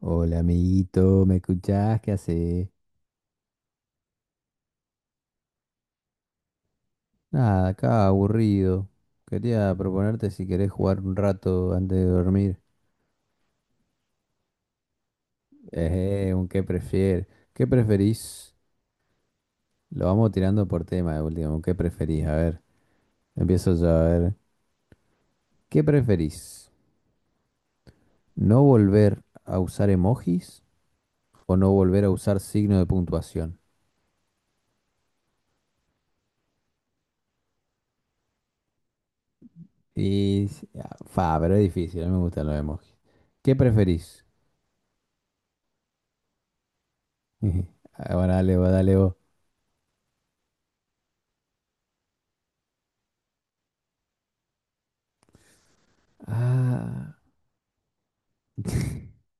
Hola, amiguito, ¿me escuchás? ¿Qué haces? Nada, acá aburrido. Quería proponerte si querés jugar un rato antes de dormir. Un qué prefieres. ¿Qué preferís? Lo vamos tirando por tema de último. ¿Un qué preferís? A ver, empiezo yo a ver. ¿Qué preferís? ¿No volver a usar emojis o no volver a usar signo de puntuación? Pero es difícil, a mí me gustan los emojis. ¿Qué preferís? Ahora dale vos, dale vos. Ah.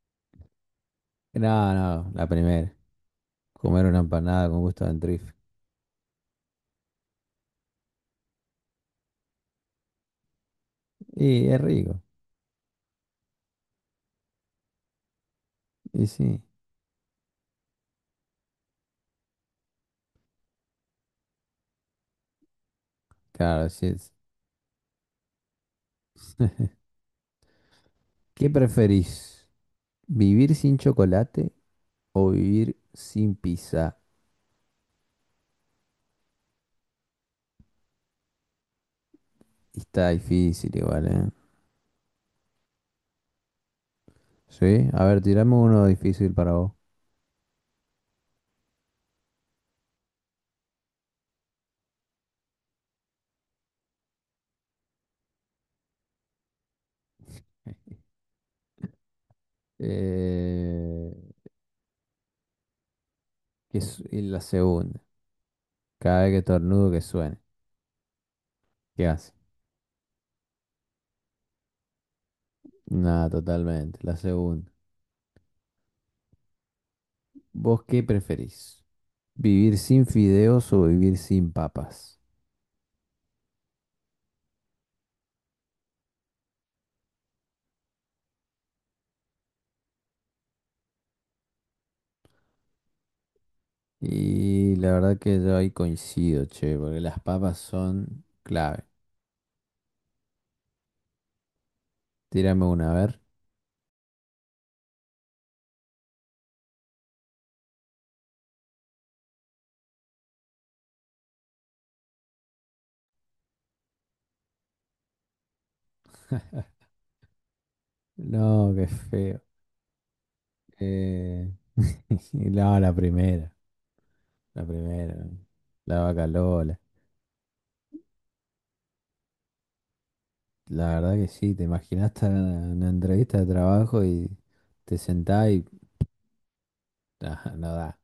No, no, la primera. Comer una empanada con gusto de antrife. Y es rico. Y sí, claro, sí. Es. ¿Qué preferís? ¿Vivir sin chocolate o vivir sin pizza? Está difícil igual, ¿eh? Sí, a ver, tirame uno difícil para vos. Eh, que es y la segunda. Cada vez que estornudo que suene. ¿Qué hace? Nada, totalmente. La segunda. ¿Vos qué preferís? ¿Vivir sin fideos o vivir sin papas? Y la verdad que yo ahí coincido, che, porque las papas son clave. Tírame una, a ver. No, qué feo. Eh, no, la primera, la primera. La vaca Lola. La verdad que sí, te imaginaste una entrevista de trabajo y te sentás y ah, no da.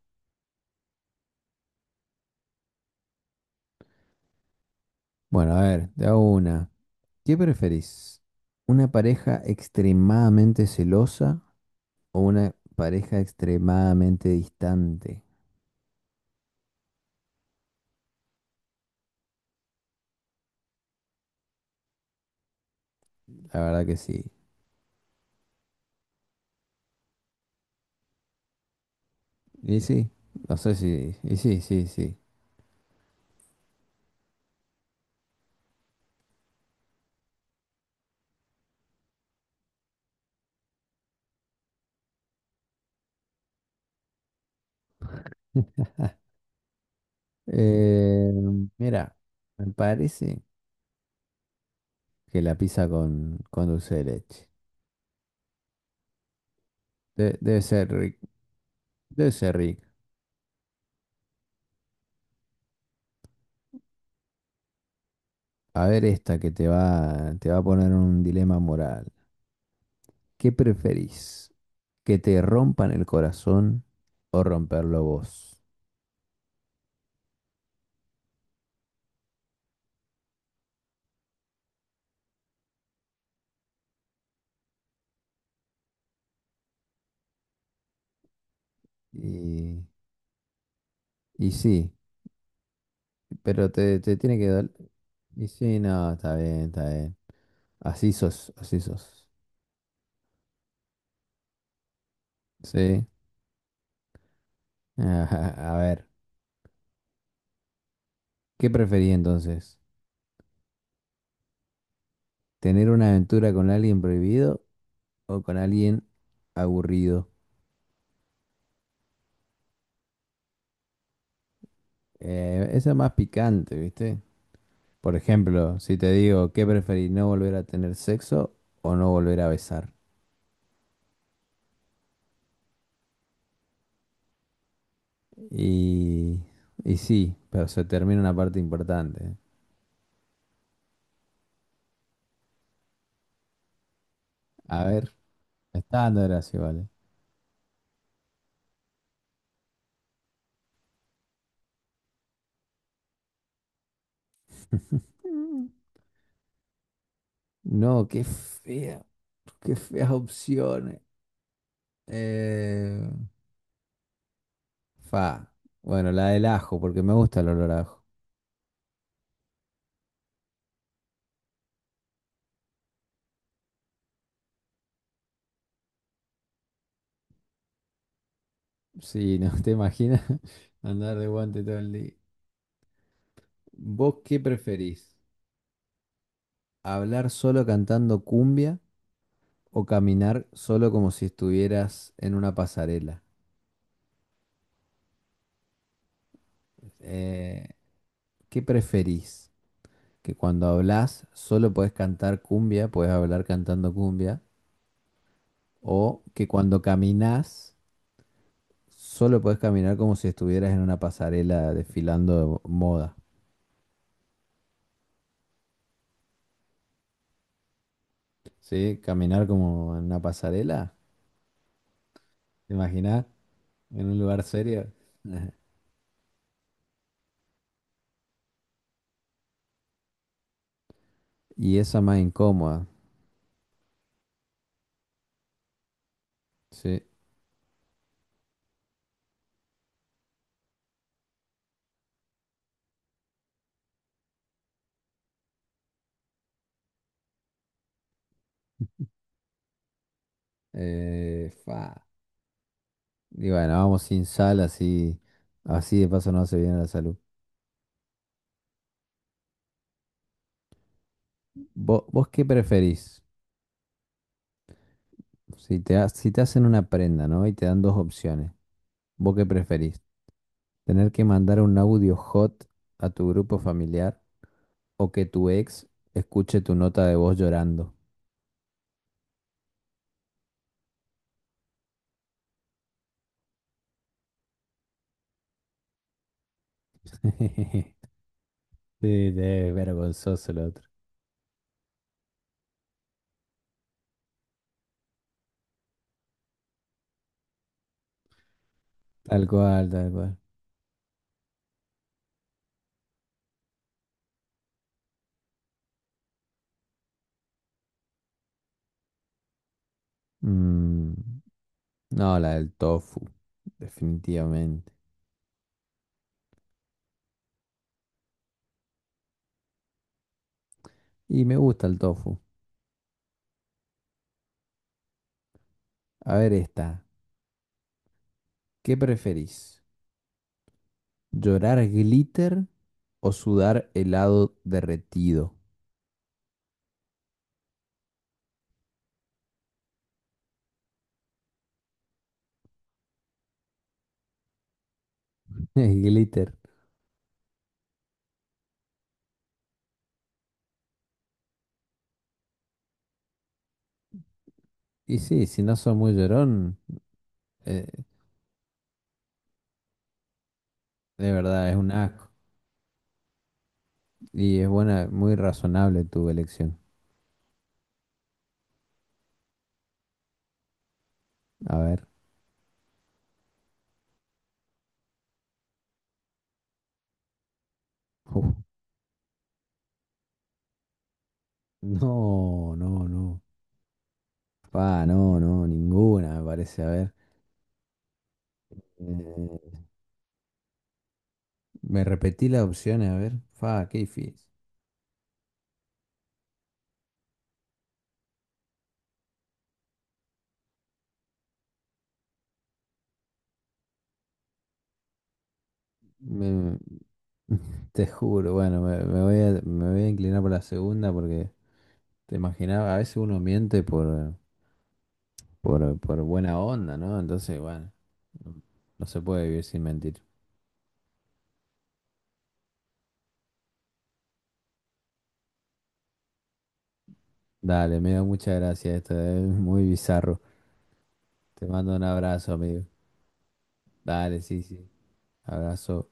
Bueno, a ver, te hago una. ¿Qué preferís? ¿Una pareja extremadamente celosa o una pareja extremadamente distante? La verdad que sí. Y sí, no sé si. Y sí, sí, sí. Eh, mira, me parece que la pizza con dulce de leche. Debe ser rica, debe ser rica. A ver esta que te va a poner en un dilema moral. ¿Qué preferís? ¿Que te rompan el corazón o romperlo vos? Y, y sí, pero te tiene que dar... Y sí, no, está bien, está bien. Así sos, así sos. Sí. A ver. ¿Qué preferí entonces? ¿Tener una aventura con alguien prohibido o con alguien aburrido? Esa es más picante, ¿viste? Por ejemplo, si te digo, ¿qué preferí? ¿No volver a tener sexo o no volver a besar? Y, y sí, pero se termina una parte importante. A ver, me está dando gracia, ¿vale? Mm. No, qué fea, qué feas opciones. Eh, fa. Bueno, la del ajo, porque me gusta el olor a ajo. Sí, no te imaginas andar de guante todo el día. ¿Vos qué preferís? ¿Hablar solo cantando cumbia o caminar solo como si estuvieras en una pasarela? Eh, ¿Qué preferís? ¿Que cuando hablas solo podés cantar cumbia, podés hablar cantando cumbia? ¿O que cuando caminás solo podés caminar como si estuvieras en una pasarela desfilando moda? ¿Sí? ¿Caminar como en una pasarela? ¿Te imaginás? ¿En un lugar serio? Y esa más incómoda, sí. Fa. Y bueno, vamos sin sal, así, así de paso no hace bien a la salud. ¿ vos qué preferís? Si si te hacen una prenda, ¿no? Y te dan dos opciones. ¿Vos qué preferís? ¿Tener que mandar un audio hot a tu grupo familiar o que tu ex escuche tu nota de voz llorando? Sí, es vergonzoso el otro. Tal cual, tal cual. Mm, no, la del tofu, definitivamente. Y me gusta el tofu. A ver esta. ¿Qué preferís? ¿Llorar glitter o sudar helado derretido? Glitter. Y sí, si no sos muy llorón, eh, de verdad es un asco. Y es buena, muy razonable tu elección. A ver. Uf. No, no, no. Fa, no, no, ninguna me parece. A ver. Eh, me repetí las opciones, a ver. Fa, qué difícil. Me, te juro, bueno, me voy a me voy a inclinar por la segunda porque te imaginaba, a veces uno miente por buena onda, ¿no? Entonces, bueno, no, no se puede vivir sin mentir. Dale, me dio muchas gracias, esto es muy bizarro. Te mando un abrazo, amigo. Dale, sí, sí. Abrazo.